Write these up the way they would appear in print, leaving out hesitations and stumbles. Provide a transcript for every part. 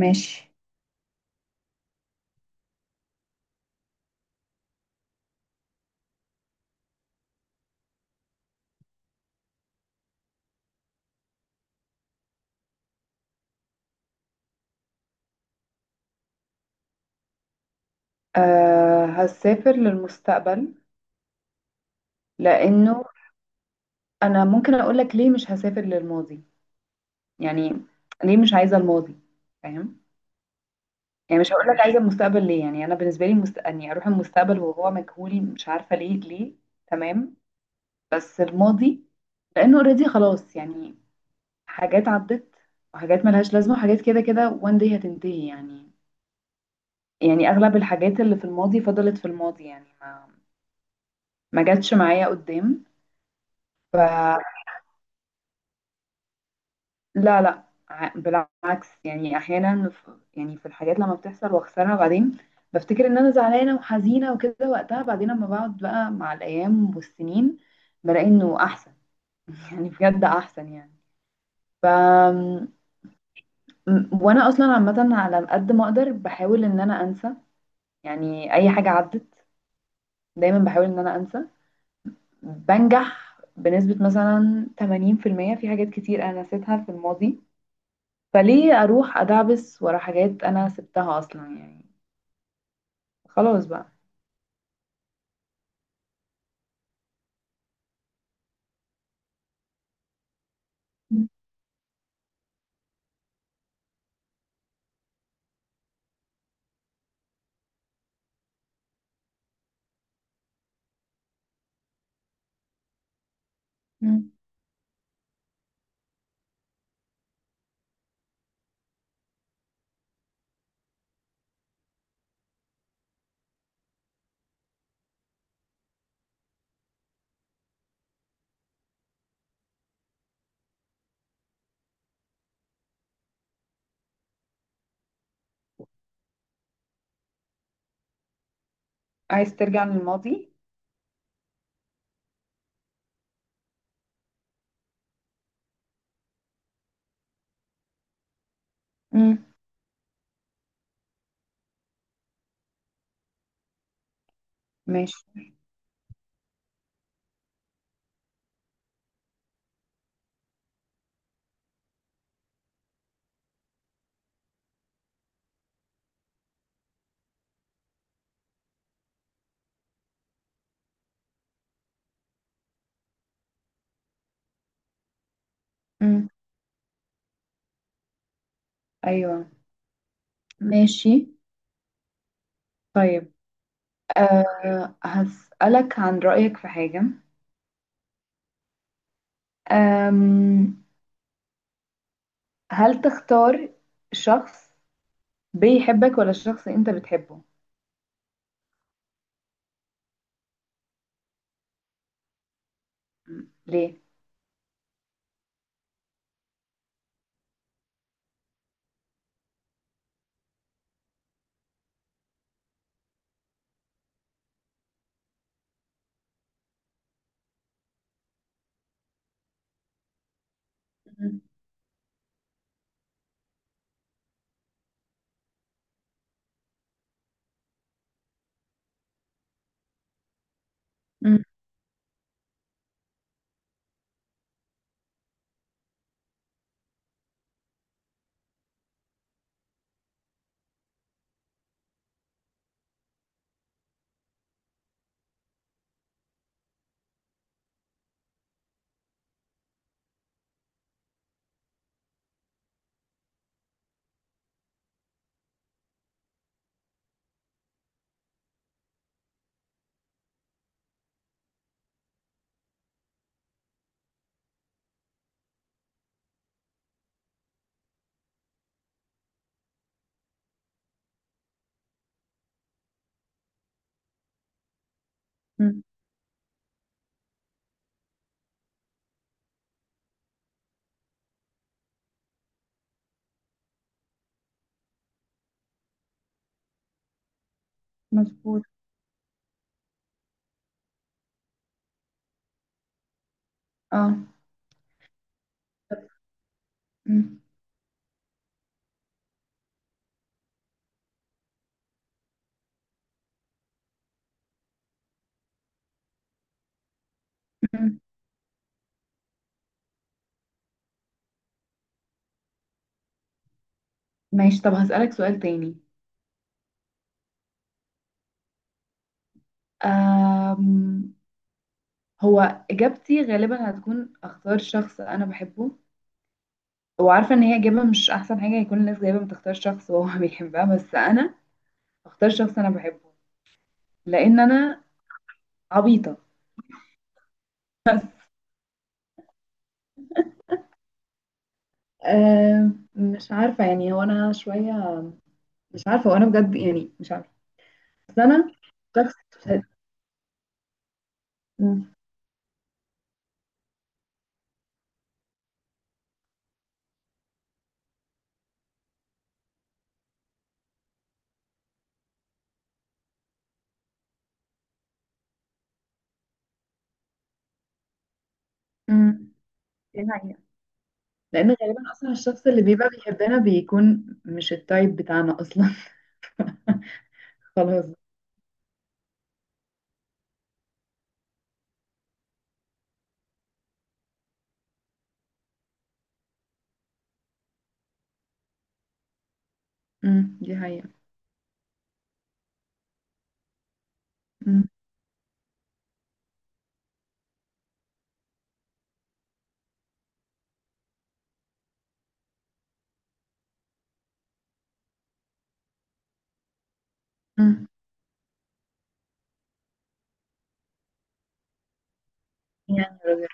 ماشي. هسافر للمستقبل لأنه أنا ممكن أقولك ليه مش هسافر للماضي. يعني ليه مش عايزة الماضي، فاهم؟ يعني مش هقولك عايزة المستقبل ليه، يعني أنا بالنسبة لي أني أروح المستقبل وهو مجهول مش عارفة ليه. تمام. بس الماضي لأنه اوريدي خلاص يعني. حاجات عدت وحاجات ملهاش لازمة وحاجات كده كده وان داي هتنتهي يعني. يعني أغلب الحاجات اللي في الماضي فضلت في الماضي، يعني ما جاتش معايا قدام. لا لا، بالعكس، يعني احيانا يعني في الحاجات لما بتحصل واخسرها بعدين بفتكر ان انا زعلانه وحزينه وكده وقتها، بعدين لما بقعد بقى مع الايام والسنين بلاقي انه احسن. يعني بجد احسن يعني. ف وانا اصلا عامه على قد ما اقدر بحاول ان انا انسى، يعني اي حاجه عدت دايما بحاول ان انا انسى. بنجح بنسبه مثلا 80% في المية في حاجات كتير انا نسيتها في الماضي. فليه اروح ادعبس ورا حاجات انا سبتها اصلا يعني؟ خلاص بقى. مم. مم. عايز ترجع للماضي؟ مم. ماشي. مم. ايوه. ماشي. طيب، هسألك عن رأيك في حاجة. أم هل تختار شخص بيحبك ولا شخص انت بتحبه؟ ليه؟ مم. مم. مم. مظبوط. اه. طب- مم. مم. ماشي. طب هسألك سؤال تاني. أم هو اجابتي غالبا هتكون اختار شخص انا بحبه، وعارفه ان هي اجابه مش احسن حاجه. يكون الناس جايبه بتختار شخص وهو بيحبها، بس انا اختار شخص انا بحبه. لان انا عبيطه. مش عارفه، يعني هو انا شويه مش عارفه، وانا بجد يعني مش عارفه، بس انا شخص. مم. مم. دي حقيقة. لان غالبا اصلا الشخص اللي بيبقى بيحبنا بيكون مش التايب بتاعنا اصلا. خلاص. مم. دي حقيقة. مم. مم. يعني راجل.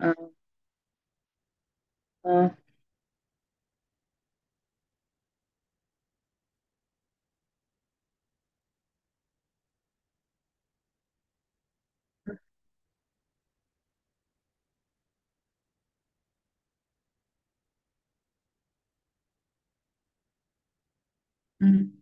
اه اه. مم.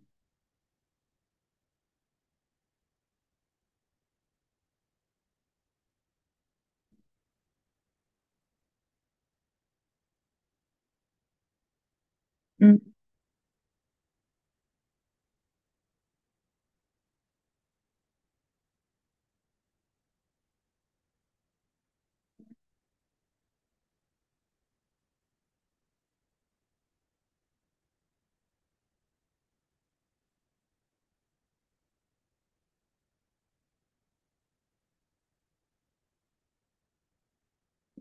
مم.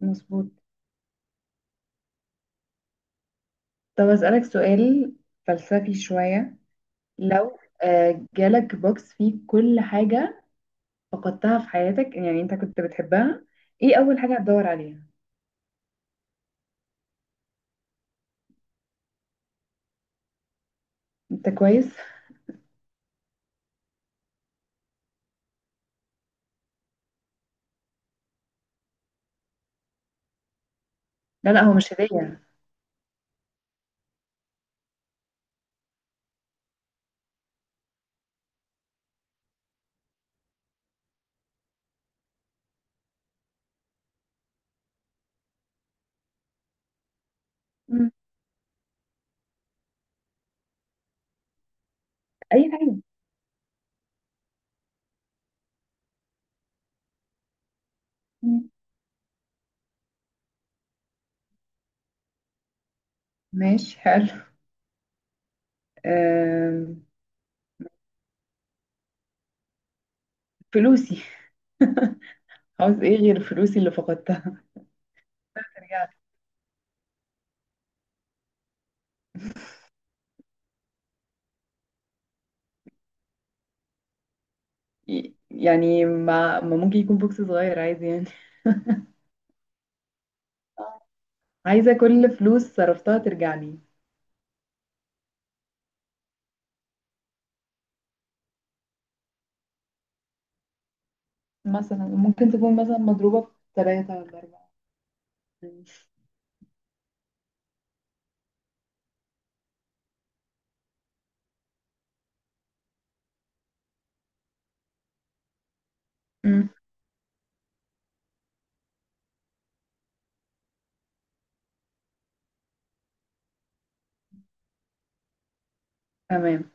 مظبوط. طب أسألك سؤال فلسفي شوية. لو جالك بوكس فيه كل حاجة فقدتها في حياتك يعني انت كنت بتحبها، ايه أول حاجة هتدور عليها؟ انت كويس؟ لا لا، هو مش هدية. مم. أي حاجة. مم. ماشي حلو. آم، فلوسي. عاوز ايه غير فلوسي اللي فقدتها؟ رجعت. يعني ما ممكن يكون بوكس صغير عايز يعني. عايزة كل فلوس صرفتها ترجع لي. مثلا ممكن تكون مثلا مضروبة في ثلاثة ولا أربعة. ماشي. امم تمام.